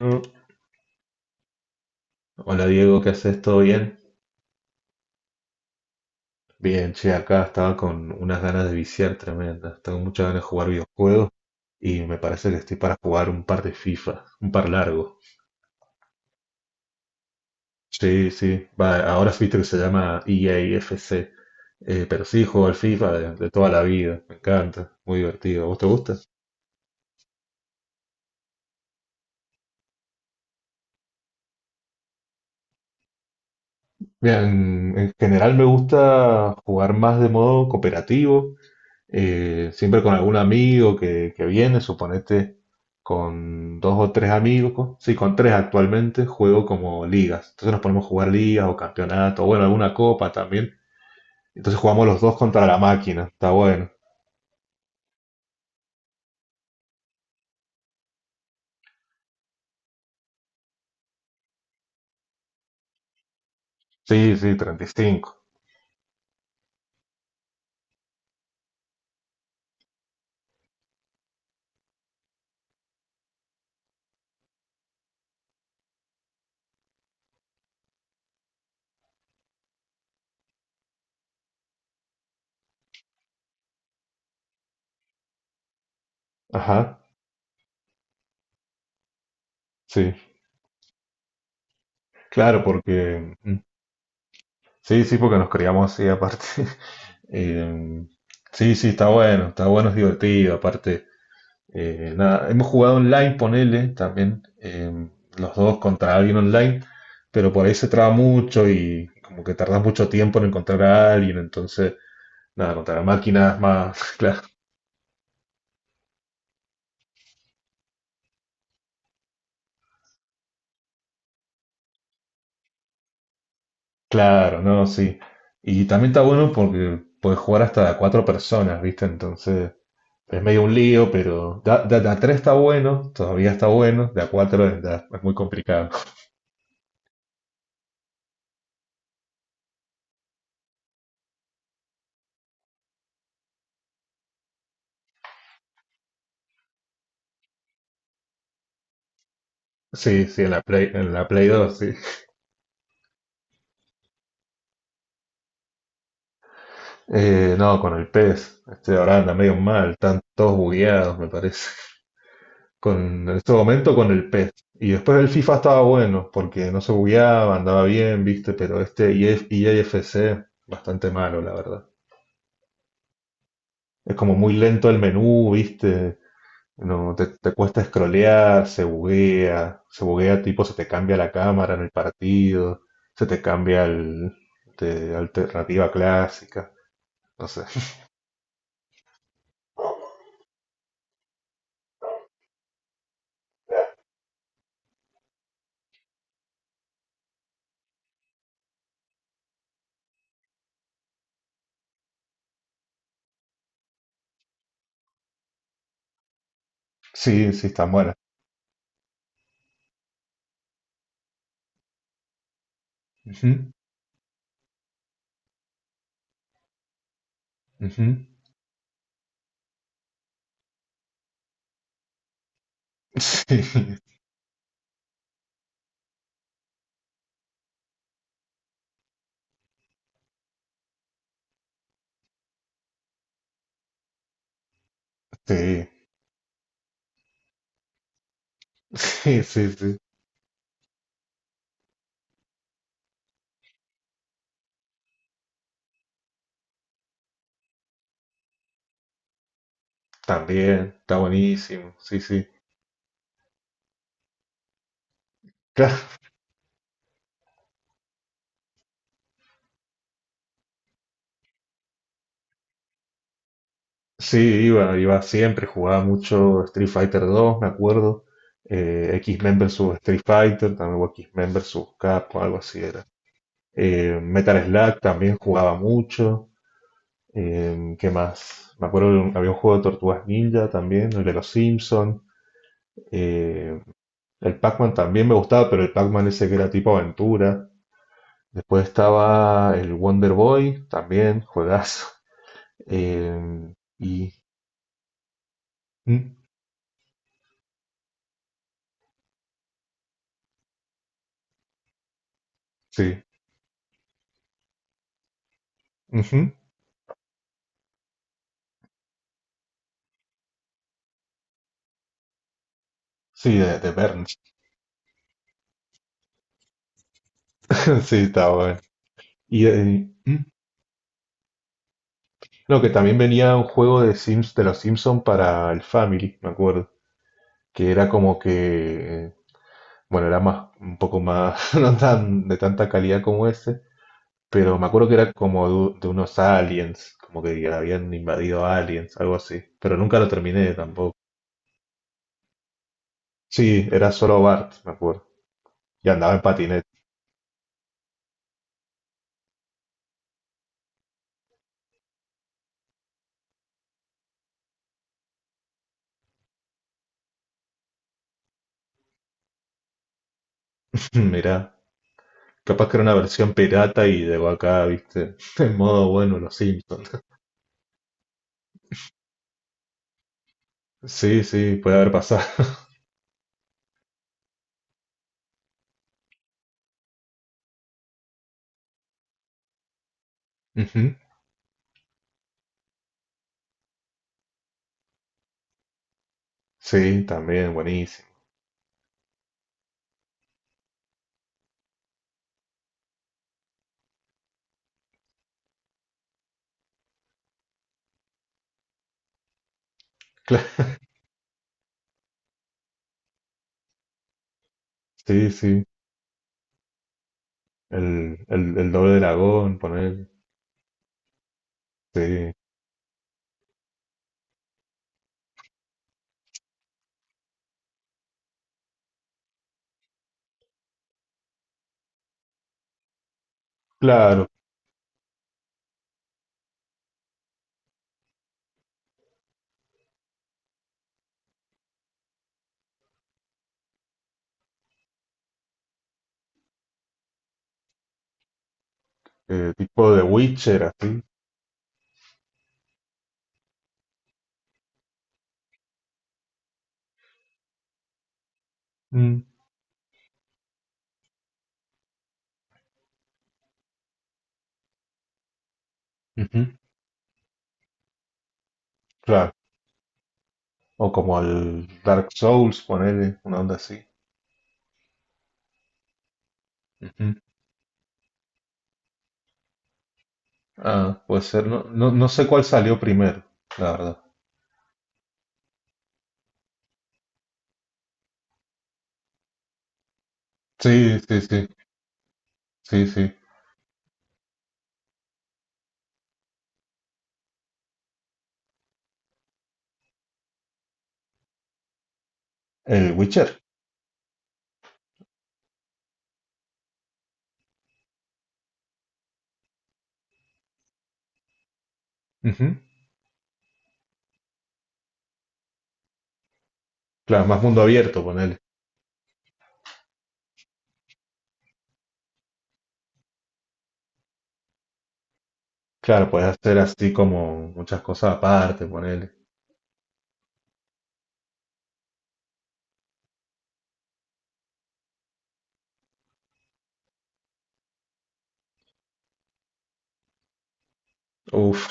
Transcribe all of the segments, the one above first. Mm. Hola Diego, ¿qué haces? ¿Todo bien? Bien, che, acá estaba con unas ganas de viciar tremendas. Tengo muchas ganas de jugar videojuegos y me parece que estoy para jugar un par de FIFA, un par largo. Sí, sí, va, ahora viste que se llama EAFC, pero sí, juego al FIFA de toda la vida, me encanta, muy divertido. ¿A ¿Vos te gusta? Mira, en general me gusta jugar más de modo cooperativo, siempre con algún amigo que viene, suponete con dos o tres amigos, sí, con tres actualmente juego como ligas, entonces nos ponemos a jugar ligas o campeonatos, bueno, alguna copa también, entonces jugamos los dos contra la máquina, está bueno. Sí, sí, 35. Ajá, sí, claro, porque... mm, sí, sí, porque nos criamos así aparte. Em, sí, sí, está bueno, es divertido, aparte. Nada, hemos jugado online, ponele, también, los dos contra alguien online, pero por ahí se traba mucho y como que tardas mucho tiempo en encontrar a alguien, entonces, nada, contra la máquina es más, claro, ¿no? Sí. Y también está bueno porque puedes jugar hasta cuatro personas, ¿viste? Entonces, es medio un lío, pero de a tres está bueno, todavía está bueno, de a cuatro es, es muy complicado. Sí, sí, en la Play, 2. No, con el PES. Este ahora anda medio mal, están todos bugueados, me parece. En este momento con el PES. Y después el FIFA estaba bueno, porque no se bugueaba, andaba bien, viste, pero este EF EAFC, bastante malo, la verdad. Es como muy lento el menú, viste. No, te cuesta scrollear, se buguea, tipo se te cambia la cámara en el partido, se te cambia el, de alternativa clásica, no sé. Sí, sí, están buenas. Ujú. Sí, sí, sí, sí, sí. También, está buenísimo. Sí, sí. Claro, sí, iba, iba siempre, jugaba mucho Street Fighter 2, me acuerdo. X-Men versus Street Fighter, también, o X-Men versus Capcom, algo así era. Metal Slug también jugaba mucho. ¿Qué más? Me acuerdo había un juego de Tortugas Ninja también, el de los Simpsons. Eh, el Pac-Man también me gustaba, pero el Pac-Man ese que era tipo aventura. Después estaba el Wonder Boy, también, juegazo. Eh, y mm, sí, ujú, sí, de Burns, sí, estaba bueno. Y eh, mm, no, que también venía un juego de Sims, de los Simpsons para el Family, me acuerdo, que era como que, bueno, era más, un poco más, no tan de tanta calidad como ese, pero me acuerdo que era como de unos aliens, como que habían invadido aliens, algo así, pero nunca lo terminé tampoco. Sí, era solo Bart, me acuerdo. Y andaba en patinete. Mirá, capaz que era una versión pirata y llegó acá, viste, en modo bueno, los Simpsons. Sí, sí, puede haber pasado. Ujú. Sí, también, buenísimo. Claro, sí, sí. El doble dragón, poner. Sí, claro. Tipo de Witcher, así. Mm, ujú, claro. O como el Dark Souls, poner una onda así. Ujú. Ah, puede ser. No, no, no sé cuál salió primero, la verdad. Sí, sí, sí. Sí, sí. El Witcher. Ujú. Claro, más mundo abierto, ponele. Claro, puedes hacer así como muchas cosas aparte, ponele. Uf,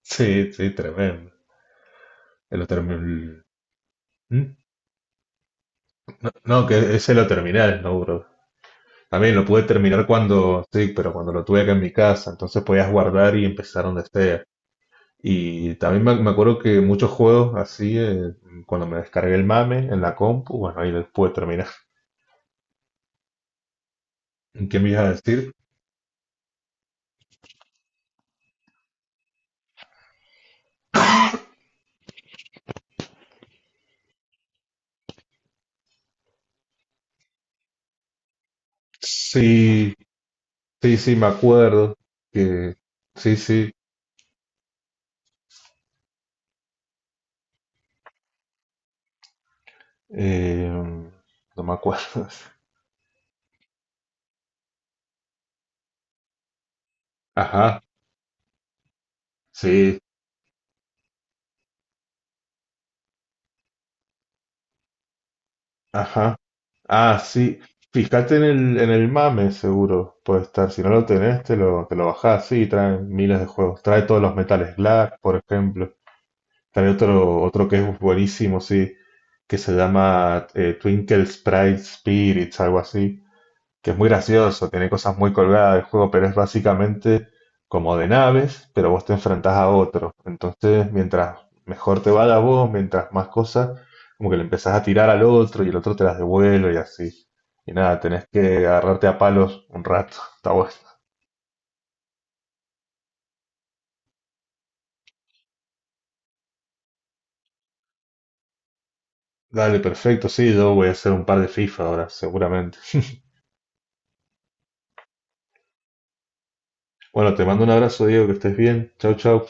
sí, sí, tremendo. Lo otro. Mm. No, no, que ese lo terminé, el Snowbrook. También lo pude terminar cuando, sí, pero cuando lo tuve acá en mi casa, entonces podías guardar y empezar donde sea. Y también me acuerdo que muchos juegos así, cuando me descargué el mame en la compu, bueno, ahí los pude terminar. ¿Qué me ibas a decir? Sí, sí, sí, me acuerdo que sí, sí, eh, no me acuerdo. Ajá, sí, ajá. Ah, sí, fíjate en el MAME, seguro puede estar. Si no lo tenés, te lo bajás. Sí, trae miles de juegos. Trae todos los Metales Black, por ejemplo. Trae otro, otro que es buenísimo, sí, que se llama Twinkle Sprite Spirits, algo así. Que es muy gracioso, tiene cosas muy colgadas el juego, pero es básicamente como de naves, pero vos te enfrentás a otros. Entonces, mientras mejor te vaya vos, mientras más cosas, como que le empezás a tirar al otro y el otro te las devuelve y así. Y nada, tenés que agarrarte a palos un rato. Está bueno. Dale, perfecto, sí, yo voy a hacer un par de FIFA ahora, seguramente. Bueno, te mando un abrazo, Diego, que estés bien. Chau, chau.